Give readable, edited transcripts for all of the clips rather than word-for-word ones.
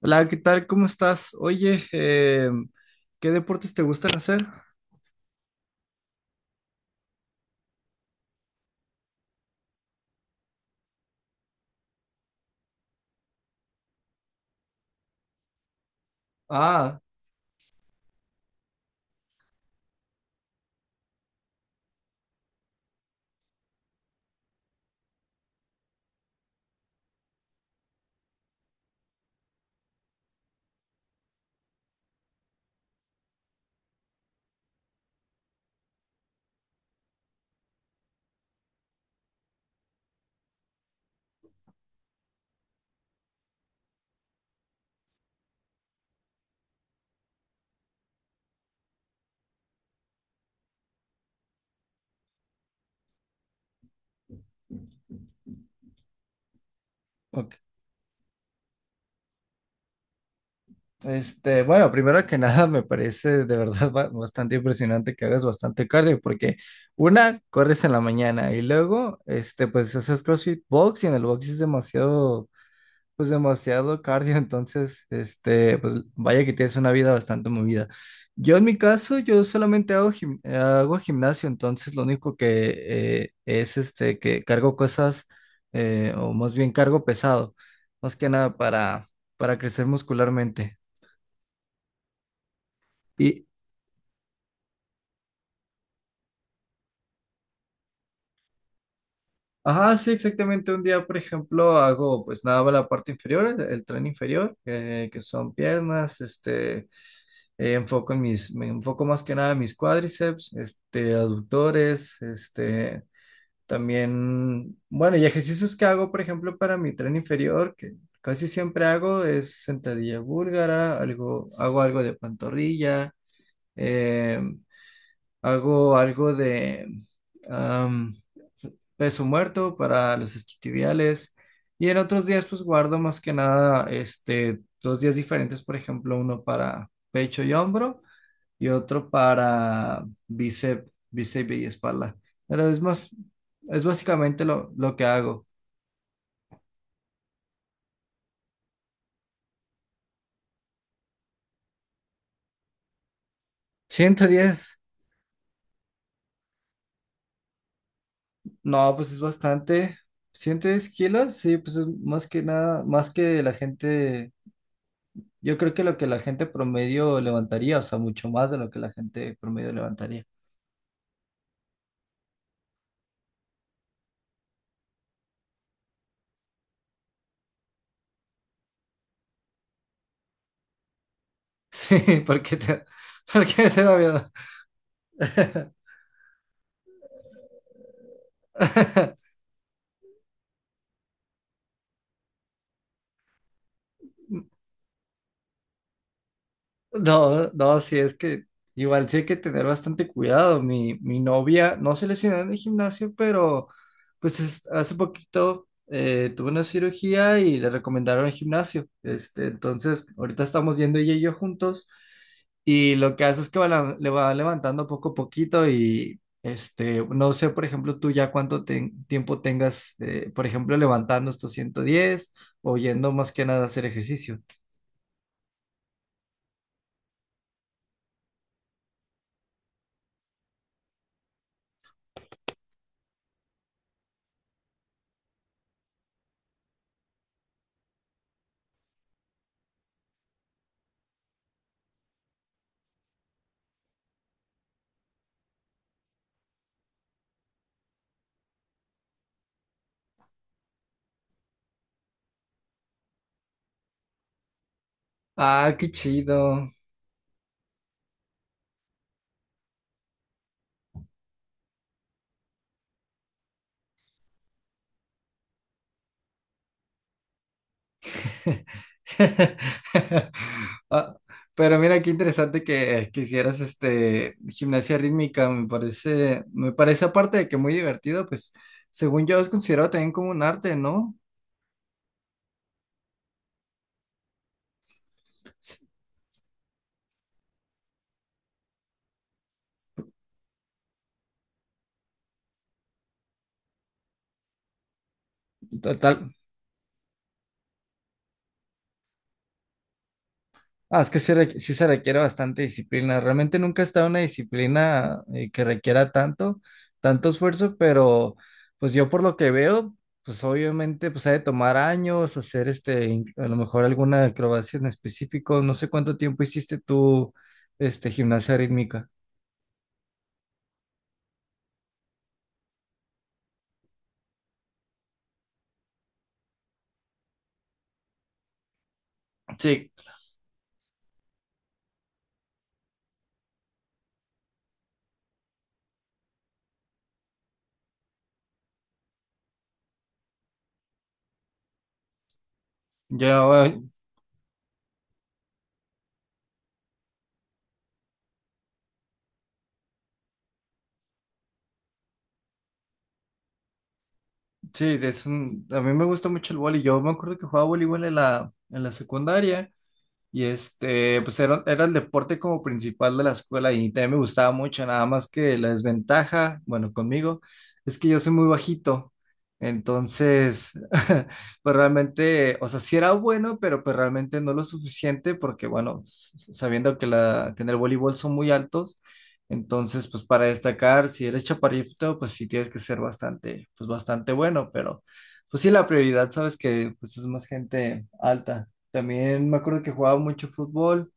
Hola, ¿qué tal? ¿Cómo estás? Oye, ¿qué deportes te gustan hacer? Ah, ok. Bueno, primero que nada, me parece de verdad bastante impresionante que hagas bastante cardio, porque una, corres en la mañana y luego, pues haces CrossFit Box y en el box es demasiado pues demasiado cardio, entonces, pues vaya que tienes una vida bastante movida. Yo en mi caso, yo solamente hago, hago gimnasio, entonces lo único que es que cargo cosas, o más bien cargo pesado, más que nada para, para crecer muscularmente. Y, ajá, sí, exactamente, un día, por ejemplo, hago pues nada, más la parte inferior, el tren inferior, que son piernas, este. Me enfoco más que nada en mis cuádriceps, aductores, también, bueno, y ejercicios que hago, por ejemplo, para mi tren inferior, que casi siempre hago es sentadilla búlgara, algo, hago algo de pantorrilla, eh, hago algo de am, peso muerto para los isquiotibiales, y en otros días, pues guardo más que nada, dos días diferentes, por ejemplo, uno para pecho y hombro y otro para bíceps, bíceps y espalda. Pero es más, es básicamente lo que hago. Ciento diez. No, pues es bastante. 110 kilos, sí, pues es más que nada, más que la gente, yo creo que lo que la gente promedio levantaría, o sea, mucho más de lo que la gente promedio levantaría. Sí, porque te, porque te da miedo. No, no, sí, es que igual sí hay que tener bastante cuidado. Mi novia no se lesionó en el gimnasio, pero hace poquito tuvo una cirugía y le recomendaron el gimnasio. Entonces, ahorita estamos yendo ella y yo juntos y lo que hace es que va le va levantando poco a poquito y no sé, por ejemplo, tú ya cuánto tiempo tengas, por ejemplo, levantando estos 110 o yendo más que nada a hacer ejercicio. Ah, qué chido. Ah, pero mira qué interesante que, hicieras este gimnasia rítmica, me parece aparte de que muy divertido, pues según yo es considerado también como un arte, ¿no? Total. Ah, es que sí, sí se requiere bastante disciplina. Realmente nunca he estado en una disciplina que requiera tanto, tanto esfuerzo, pero pues yo por lo que veo, pues obviamente pues ha de tomar años hacer a lo mejor alguna acrobacia en específico. No sé cuánto tiempo hiciste tú, gimnasia rítmica. Sí, yo, eh, sí, a mí me gusta mucho el vóley. Yo me acuerdo que jugaba voleibol en la secundaria. Y pues era el deporte como principal de la escuela y también me gustaba mucho, nada más que la desventaja, bueno, conmigo, es que yo soy muy bajito. Entonces, pues realmente, o sea, sí era bueno, pero pues realmente no lo suficiente porque, bueno, sabiendo que, que en el voleibol son muy altos, entonces, pues para destacar, si eres chaparrito, pues sí tienes que ser bastante, pues bastante bueno, pero pues sí la prioridad, sabes que pues es más gente alta. También me acuerdo que jugaba mucho fútbol.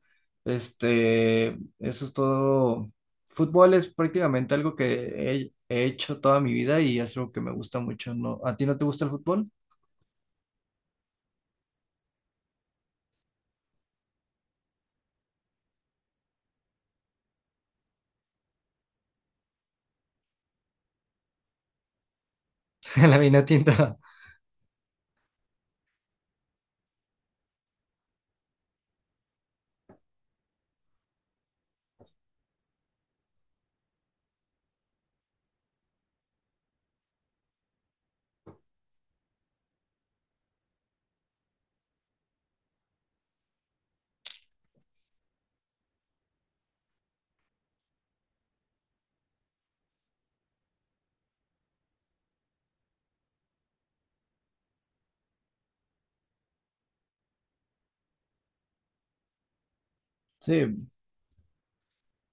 Este, eso es todo. Fútbol es prácticamente algo que he hecho toda mi vida y es algo que me gusta mucho, ¿no? ¿A ti no te gusta el fútbol? La vina tinta. Sí.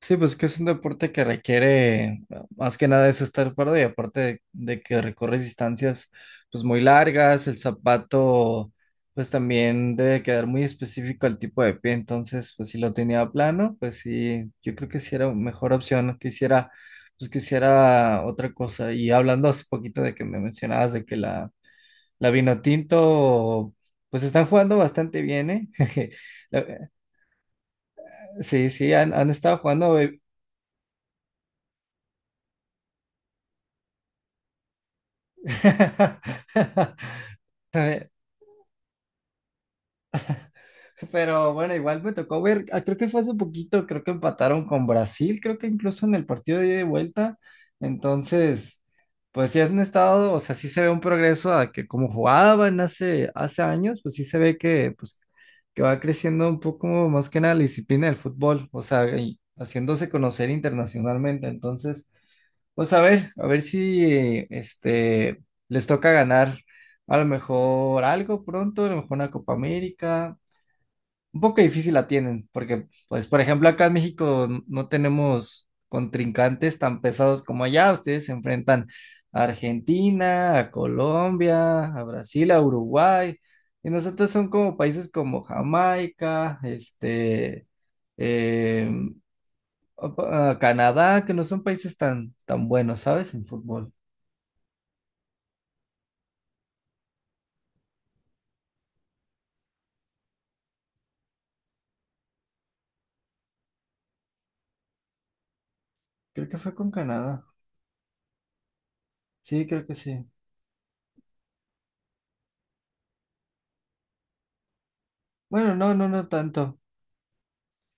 Sí, pues que es un deporte que requiere más que nada eso estar parado y aparte de que recorres distancias pues muy largas, el zapato pues también debe quedar muy específico al tipo de pie, entonces pues si lo tenía plano, pues sí, yo creo que sí era mejor opción, que hiciera pues que hiciera otra cosa y hablando hace poquito de que me mencionabas de que la vino tinto pues están jugando bastante bien, ¿eh? La- eh, Sí, sí, han estado jugando. Pero bueno, igual me tocó ver, ah, creo que fue hace poquito, creo que empataron con Brasil, creo que incluso en el partido de ida y vuelta. Entonces, pues sí han estado, o sea, sí se ve un progreso a que como jugaban hace años, pues sí se ve que, pues, que va creciendo un poco más que nada la disciplina del fútbol, o sea, y haciéndose conocer internacionalmente. Entonces, pues a ver si este les toca ganar a lo mejor algo pronto, a lo mejor una Copa América. Un poco difícil la tienen, porque pues por ejemplo acá en México no tenemos contrincantes tan pesados como allá. Ustedes se enfrentan a Argentina, a Colombia, a Brasil, a Uruguay. Y nosotros son como países como Jamaica, em, a Canadá, que no son países tan, tan buenos, ¿sabes? En fútbol. Creo que fue con Canadá. Sí, creo que sí. Bueno, no, no, no tanto.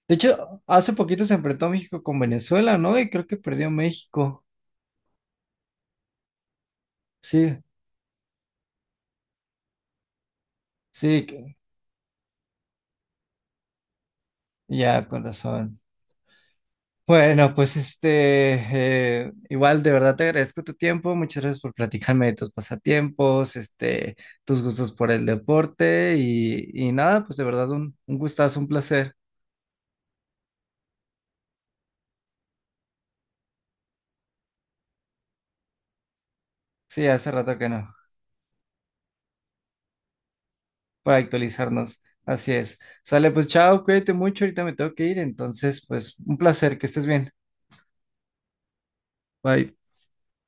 De hecho, hace poquito se enfrentó México con Venezuela, ¿no? Y creo que perdió México. Sí, sí, ya, con razón. Bueno, pues igual de verdad te agradezco tu tiempo. Muchas gracias por platicarme de tus pasatiempos, tus gustos por el deporte y nada, pues de verdad un gustazo, un placer. Sí, hace rato que no. Para actualizarnos. Así es. Sale, pues chao, cuídate mucho, ahorita me tengo que ir, entonces, pues un placer, que estés bien. Bye.